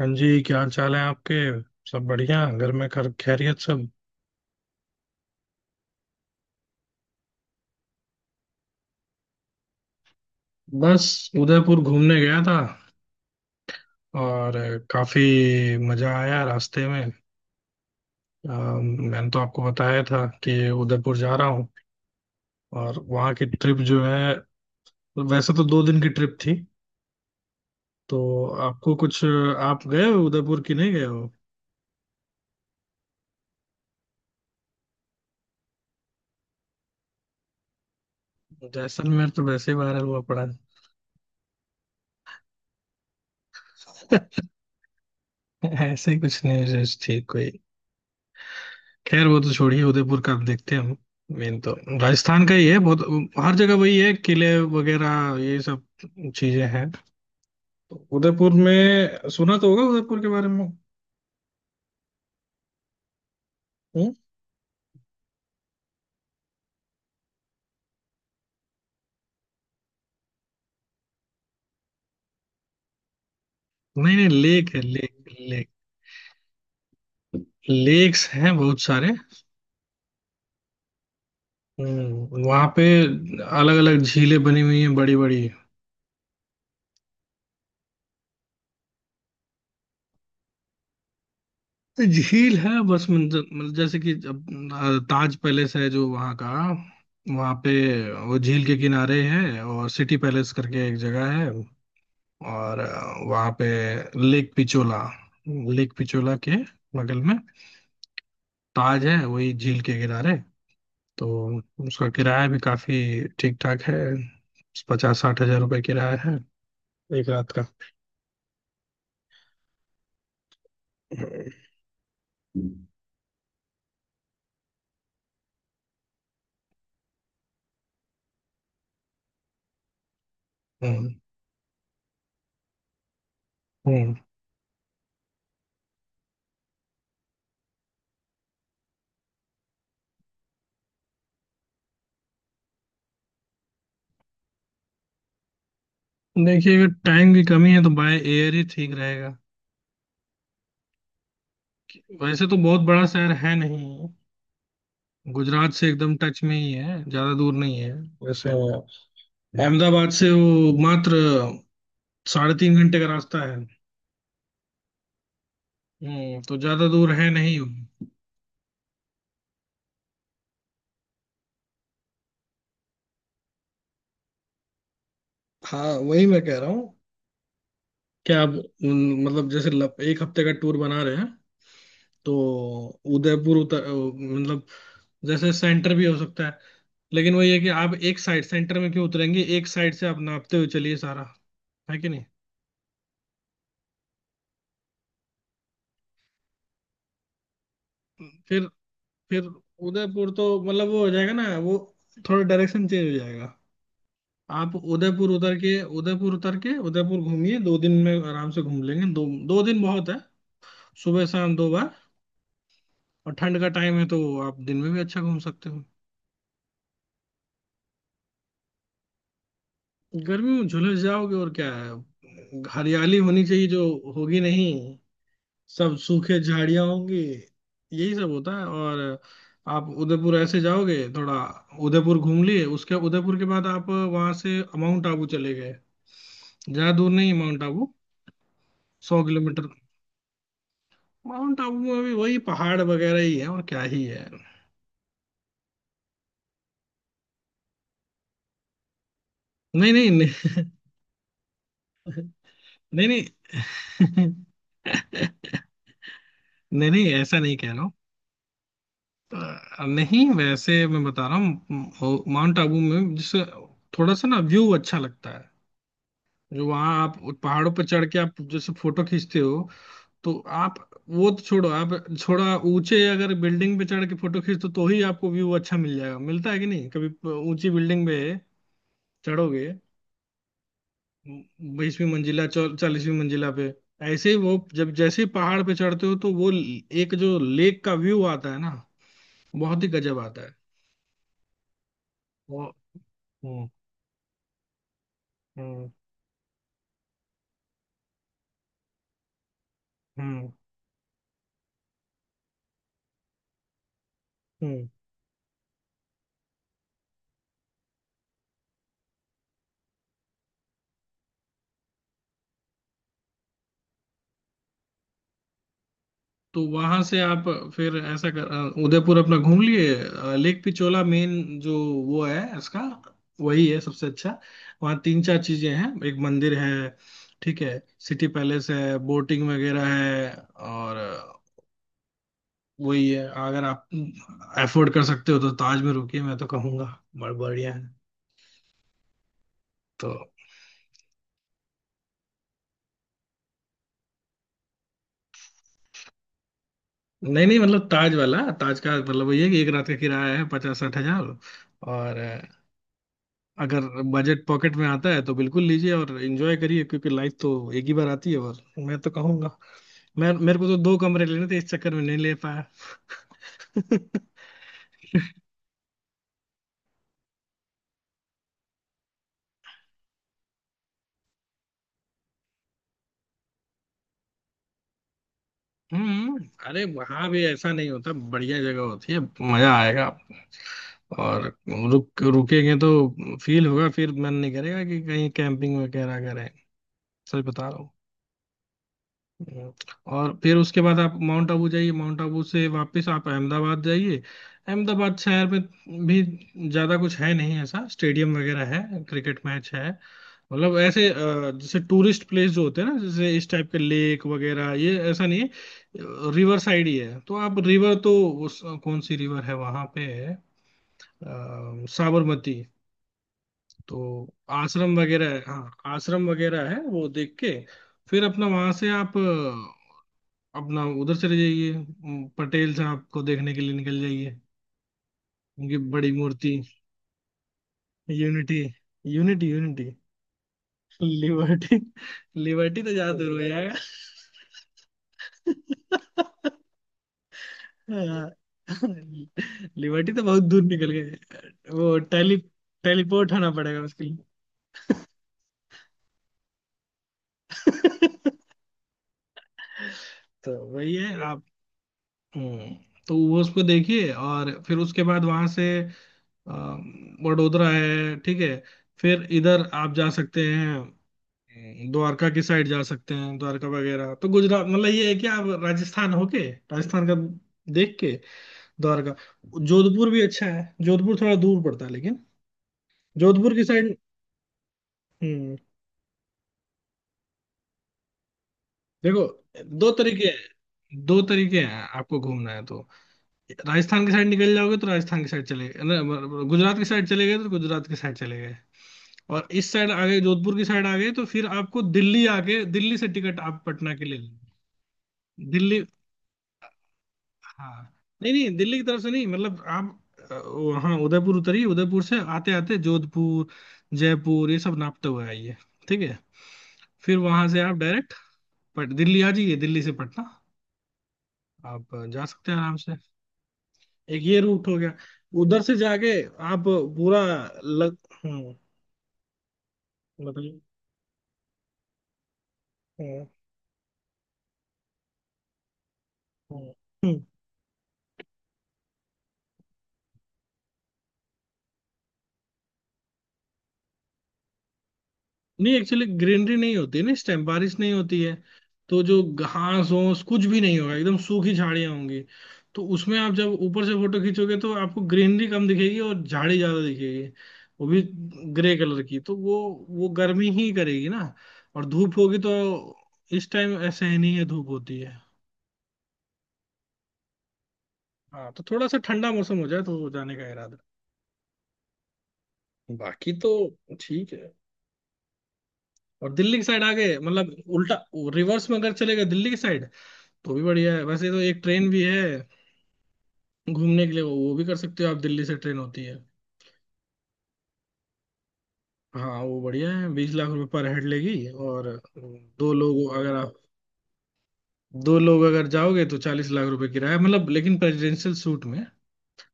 हाँ जी, क्या हाल चाल है आपके। सब बढ़िया। घर में खर खैरियत सब। बस उदयपुर घूमने गया था, और काफी मजा आया रास्ते में। मैंने तो आपको बताया था कि उदयपुर जा रहा हूँ। और वहाँ की ट्रिप जो है, वैसे तो 2 दिन की ट्रिप थी, तो आपको कुछ... आप गए हो उदयपुर की नहीं गए हो। जैसलमेर तो वैसे ही वायरल हुआ पड़ा है। ऐसे ही कुछ न्यूज थी कोई। खैर वो तो छोड़िए, उदयपुर का अब देखते हैं हम। मेन तो राजस्थान का ही है बहुत, हर जगह वही है, किले वगैरह ये सब चीजें हैं। तो उदयपुर में सुना तो होगा उदयपुर के बारे में। हम्म? नहीं नहीं, लेक है, लेक लेक लेक्स हैं बहुत सारे। हम्म, वहाँ पे अलग अलग झीलें बनी हुई हैं, बड़ी बड़ी झील है बस। मतलब जैसे कि अब ताज पैलेस है जो वहाँ का, वहाँ पे वो झील के किनारे है। और सिटी पैलेस करके एक जगह है, और वहां पे लेक पिचोला, लेक पिचोला के बगल में ताज है, वही झील के किनारे। तो उसका किराया भी काफी ठीक ठाक है, पचास साठ हजार रुपये किराया है एक रात का। हम्म। हम्म। हम्म। देखिए, अगर टाइम की कमी है तो बाय एयर ही ठीक रहेगा। वैसे तो बहुत बड़ा शहर है नहीं, गुजरात से एकदम टच में ही है, ज्यादा दूर नहीं है। वैसे अहमदाबाद से वो मात्र साढ़े तीन घंटे का रास्ता है। हम्म, तो ज्यादा दूर है नहीं। हाँ, वही मैं कह रहा हूँ, क्या आप मतलब, जैसे एक हफ्ते का टूर बना रहे हैं तो उदयपुर मतलब जैसे सेंटर भी हो सकता है, लेकिन वही है कि आप एक साइड सेंटर में क्यों उतरेंगे, एक साइड से आप नापते हुए चलिए सारा, है कि नहीं। फिर फिर उदयपुर तो मतलब वो हो जाएगा ना, वो थोड़ा डायरेक्शन चेंज हो जाएगा। आप उदयपुर उतर के, उदयपुर घूमिए, दो दिन में आराम से घूम लेंगे। दो 2 दिन बहुत है, सुबह शाम दो बार। और ठंड का टाइम है तो आप दिन में भी अच्छा घूम सकते हो। गर्मी में झुलस जाओगे, और क्या है, हरियाली होनी चाहिए, जो होगी नहीं, सब सूखे झाड़ियां होंगी, यही सब होता है। और आप उदयपुर ऐसे जाओगे थोड़ा, उदयपुर घूम लिए, उसके उदयपुर के बाद आप वहां से माउंट आबू चले गए। ज्यादा दूर नहीं है Mount Abu, 100 kilometre. Mount Abu में भी वही पहाड़ वगैरह ही है, और क्या ही है। नहीं नहीं नहीं, नहीं नहीं। नहीं नहीं, ऐसा नहीं कह रहा। नहीं, वैसे मैं बता रहा हूँ, माउंट आबू में जैसे थोड़ा सा ना व्यू अच्छा लगता है, जो वहाँ आप पहाड़ों पर चढ़ के आप जैसे फोटो खींचते हो, तो आप... वो तो छोड़ो, आप थोड़ा ऊंचे अगर बिल्डिंग पे चढ़ के फोटो खींचते हो, तो ही आपको व्यू अच्छा मिल जाएगा। मिलता है कि नहीं, कभी ऊंची बिल्डिंग पे चढ़ोगे, 20वीं मंजिला 40वीं मंजिला पे। ऐसे ही वो, जब जैसे ही पहाड़ पे चढ़ते हो, तो वो एक जो लेक का व्यू आता है ना, बहुत ही गजब आता है। वो, हम्म। हम्म। हम्म। हम्म। तो वहां से आप फिर ऐसा कर, उदयपुर अपना घूम लिए, लेक पिछोला मेन जो वो है इसका, वही है सबसे अच्छा। वहाँ तीन चार चीजें हैं, एक मंदिर है, ठीक है, सिटी पैलेस है, बोटिंग वगैरह है। और वही है, अगर आप अफोर्ड कर सकते हो तो ताज में रुकिए, मैं तो कहूंगा, बड़ा बढ़िया है। तो नहीं नहीं, मतलब ताज वाला, ताज का मतलब वही है कि एक रात का किराया है पचास साठ हजार। और अगर बजट पॉकेट में आता है तो बिल्कुल लीजिए और एंजॉय करिए, क्योंकि लाइफ तो एक ही बार आती है। और मैं तो कहूंगा, मैं... मेरे को तो दो कमरे लेने थे, इस चक्कर में नहीं ले पाया। हम्म। अरे, वहां भी ऐसा नहीं होता, बढ़िया जगह होती है, मजा आएगा आपको। और रुकेंगे तो फील होगा, फिर मन नहीं करेगा कि कहीं कैंपिंग वगैरह करें, सच बता रहा हूँ। हम्म। और फिर उसके बाद आप माउंट आबू जाइए, माउंट आबू से वापस आप अहमदाबाद जाइए। अहमदाबाद शहर में भी ज्यादा कुछ है नहीं, ऐसा, स्टेडियम वगैरह है, क्रिकेट मैच है। मतलब ऐसे, जैसे टूरिस्ट प्लेस जो होते हैं ना, जैसे इस टाइप के, लेक वगैरह, ये ऐसा नहीं है। रिवर साइड ही है, तो आप रिवर तो, उस कौन सी रिवर है वहां पे, है साबरमती। तो आश्रम वगैरह है, हाँ, आश्रम वगैरह है, वो देख के फिर अपना वहां से आप अब ना उधर चले जाइए, पटेल साहब को देखने के लिए निकल जाइए, उनकी बड़ी मूर्ति। Unity unity unity. Liberty? Liberty तो ज्यादा दूर हो जाएगा। हाँ, लिबर्टी तो बहुत दूर निकल गए, वो टेली टेलीपोर्ट होना पड़ेगा उसके लिए। तो वही है आप, हम्म। तो वो उसको देखिए, और फिर उसके बाद वहां से अ, वडोदरा है, ठीक है। फिर इधर आप जा सकते हैं, द्वारका की साइड जा सकते हैं, द्वारका वगैरह, तो गुजरात, मतलब ये है कि आप राजस्थान होके राजस्थान का देख के द्वारका। जोधपुर भी अच्छा है, जोधपुर थोड़ा दूर पड़ता है, लेकिन जोधपुर की साइड। हम्म। देखो, दो तरीके हैं, आपको घूमना है तो राजस्थान की साइड निकल जाओगे तो राजस्थान की साइड चले गए, न, गुजरात की साइड चले गए तो गुजरात की साइड चले गए। और इस साइड आ गए, जोधपुर की साइड आ गए तो फिर आपको दिल्ली आके दिल्ली से टिकट आप पटना के लिए लेंगे। दिल्ली, हाँ। नहीं नहीं, दिल्ली की तरफ से नहीं, मतलब आप वहाँ उदयपुर उतरिए, उदयपुर से आते आते जोधपुर जयपुर ये सब नापते हुए आइए, ठीक है। फिर वहां से आप डायरेक्ट पट दिल्ली आ जाइए, दिल्ली से पटना आप जा सकते हैं आराम से। एक ये रूट हो गया, उधर से जाके आप पूरा लग हम्म, बताइए। हम्म। हम्म। हम्म। नहीं, एक्चुअली ग्रीनरी नहीं होती है ना इस टाइम, बारिश नहीं होती है, तो जो घास होस कुछ भी नहीं होगा, एकदम सूखी झाड़ियां होंगी। तो उसमें आप जब ऊपर से फोटो खींचोगे तो आपको ग्रीनरी कम दिखेगी और झाड़ी ज्यादा दिखेगी, वो भी ग्रे कलर की। तो वो गर्मी ही करेगी ना, और धूप होगी तो, इस टाइम ऐसे ही नहीं है, धूप होती है। हाँ, तो थोड़ा सा ठंडा मौसम हो जाए तो जाने का इरादा, बाकी तो ठीक है। और दिल्ली की साइड आ गए, मतलब उल्टा रिवर्स में अगर चले गए दिल्ली की साइड, तो भी बढ़िया है। वैसे तो एक ट्रेन भी है घूमने के लिए, वो भी कर सकते हो आप, दिल्ली से ट्रेन होती है। हाँ, वो बढ़िया है, 20 लाख रुपए पर हेड लेगी। और दो लोग अगर आप दो लोग अगर जाओगे तो 40 लाख रुपए किराया, मतलब, लेकिन प्रेसिडेंशियल सूट में,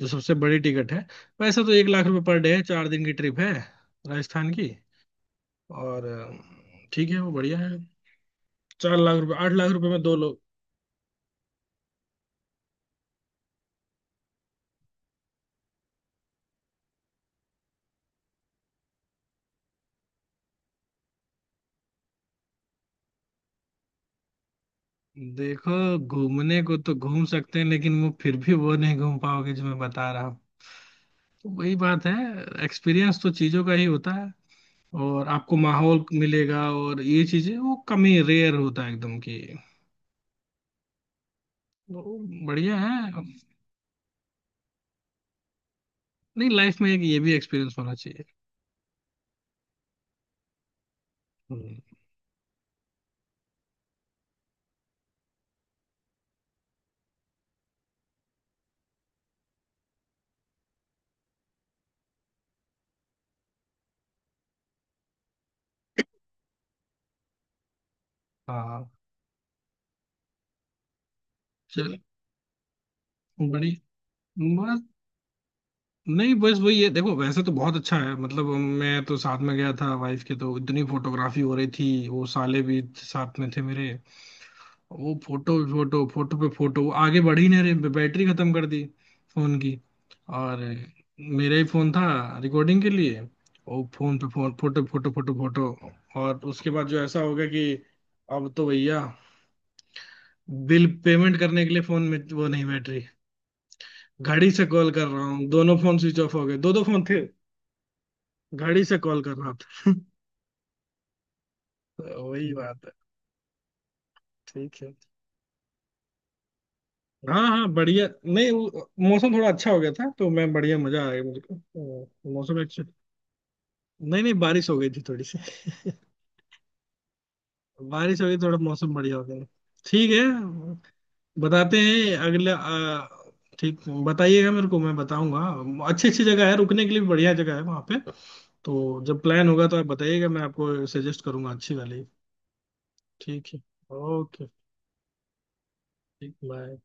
जो सबसे बड़ी टिकट है। वैसे तो 1 लाख रुपए पर डे है, 4 दिन की ट्रिप है राजस्थान की। और ठीक है, वो बढ़िया है। 4 लाख रुपए, 8 लाख रुपए में दो लोग। देखो, घूमने को तो घूम सकते हैं, लेकिन वो फिर भी वो नहीं घूम पाओगे जो मैं बता रहा हूँ। तो वही बात है, एक्सपीरियंस तो चीजों का ही होता है। और आपको माहौल मिलेगा और ये चीजें, वो कमी रेयर होता है एकदम की, वो बढ़िया है। नहीं, लाइफ में एक ये भी एक्सपीरियंस होना चाहिए। हम्म, हाँ। चल बड़ी... बस, नहीं, बस वही है, देखो वैसे तो बहुत अच्छा है, मतलब मैं तो साथ में गया था वाइफ के, तो इतनी फोटोग्राफी हो रही थी, वो साले भी साथ में थे मेरे, वो फोटो फोटो फोटो पे फोटो, वो आगे बढ़ ही नहीं रहे, बैटरी खत्म कर दी फोन की। और मेरा ही फोन था रिकॉर्डिंग के लिए, वो फोन पे phone, photo photo photo photo. और उसके बाद जो ऐसा हो गया कि अब तो भैया बिल पेमेंट करने के लिए फोन में वो नहीं, बैटरी, घड़ी से कॉल कर रहा हूँ, दोनों फोन स्विच ऑफ हो गए, दो दो फोन थे, घड़ी से कॉल कर रहा था। तो वही बात है, ठीक है। हाँ हाँ, बढ़िया। नहीं वो- मौसम थोड़ा अच्छा हो गया था तो मैं बढ़िया, मजा आ गया मुझको। मौसम अच्छा, नहीं नहीं, बारिश हो गई थी थोड़ी सी। बारिश हो गई, थोड़ा मौसम बढ़िया हो गया। ठीक है, बताते हैं अगले, ठीक। बताइएगा मेरे को, मैं बताऊंगा, अच्छी अच्छी जगह है, रुकने के लिए भी बढ़िया जगह है वहाँ पे। तो जब प्लान होगा तो आप बताइएगा, मैं आपको सजेस्ट करूंगा अच्छी वाली। ठीक है। ओके। ठीक, बाय।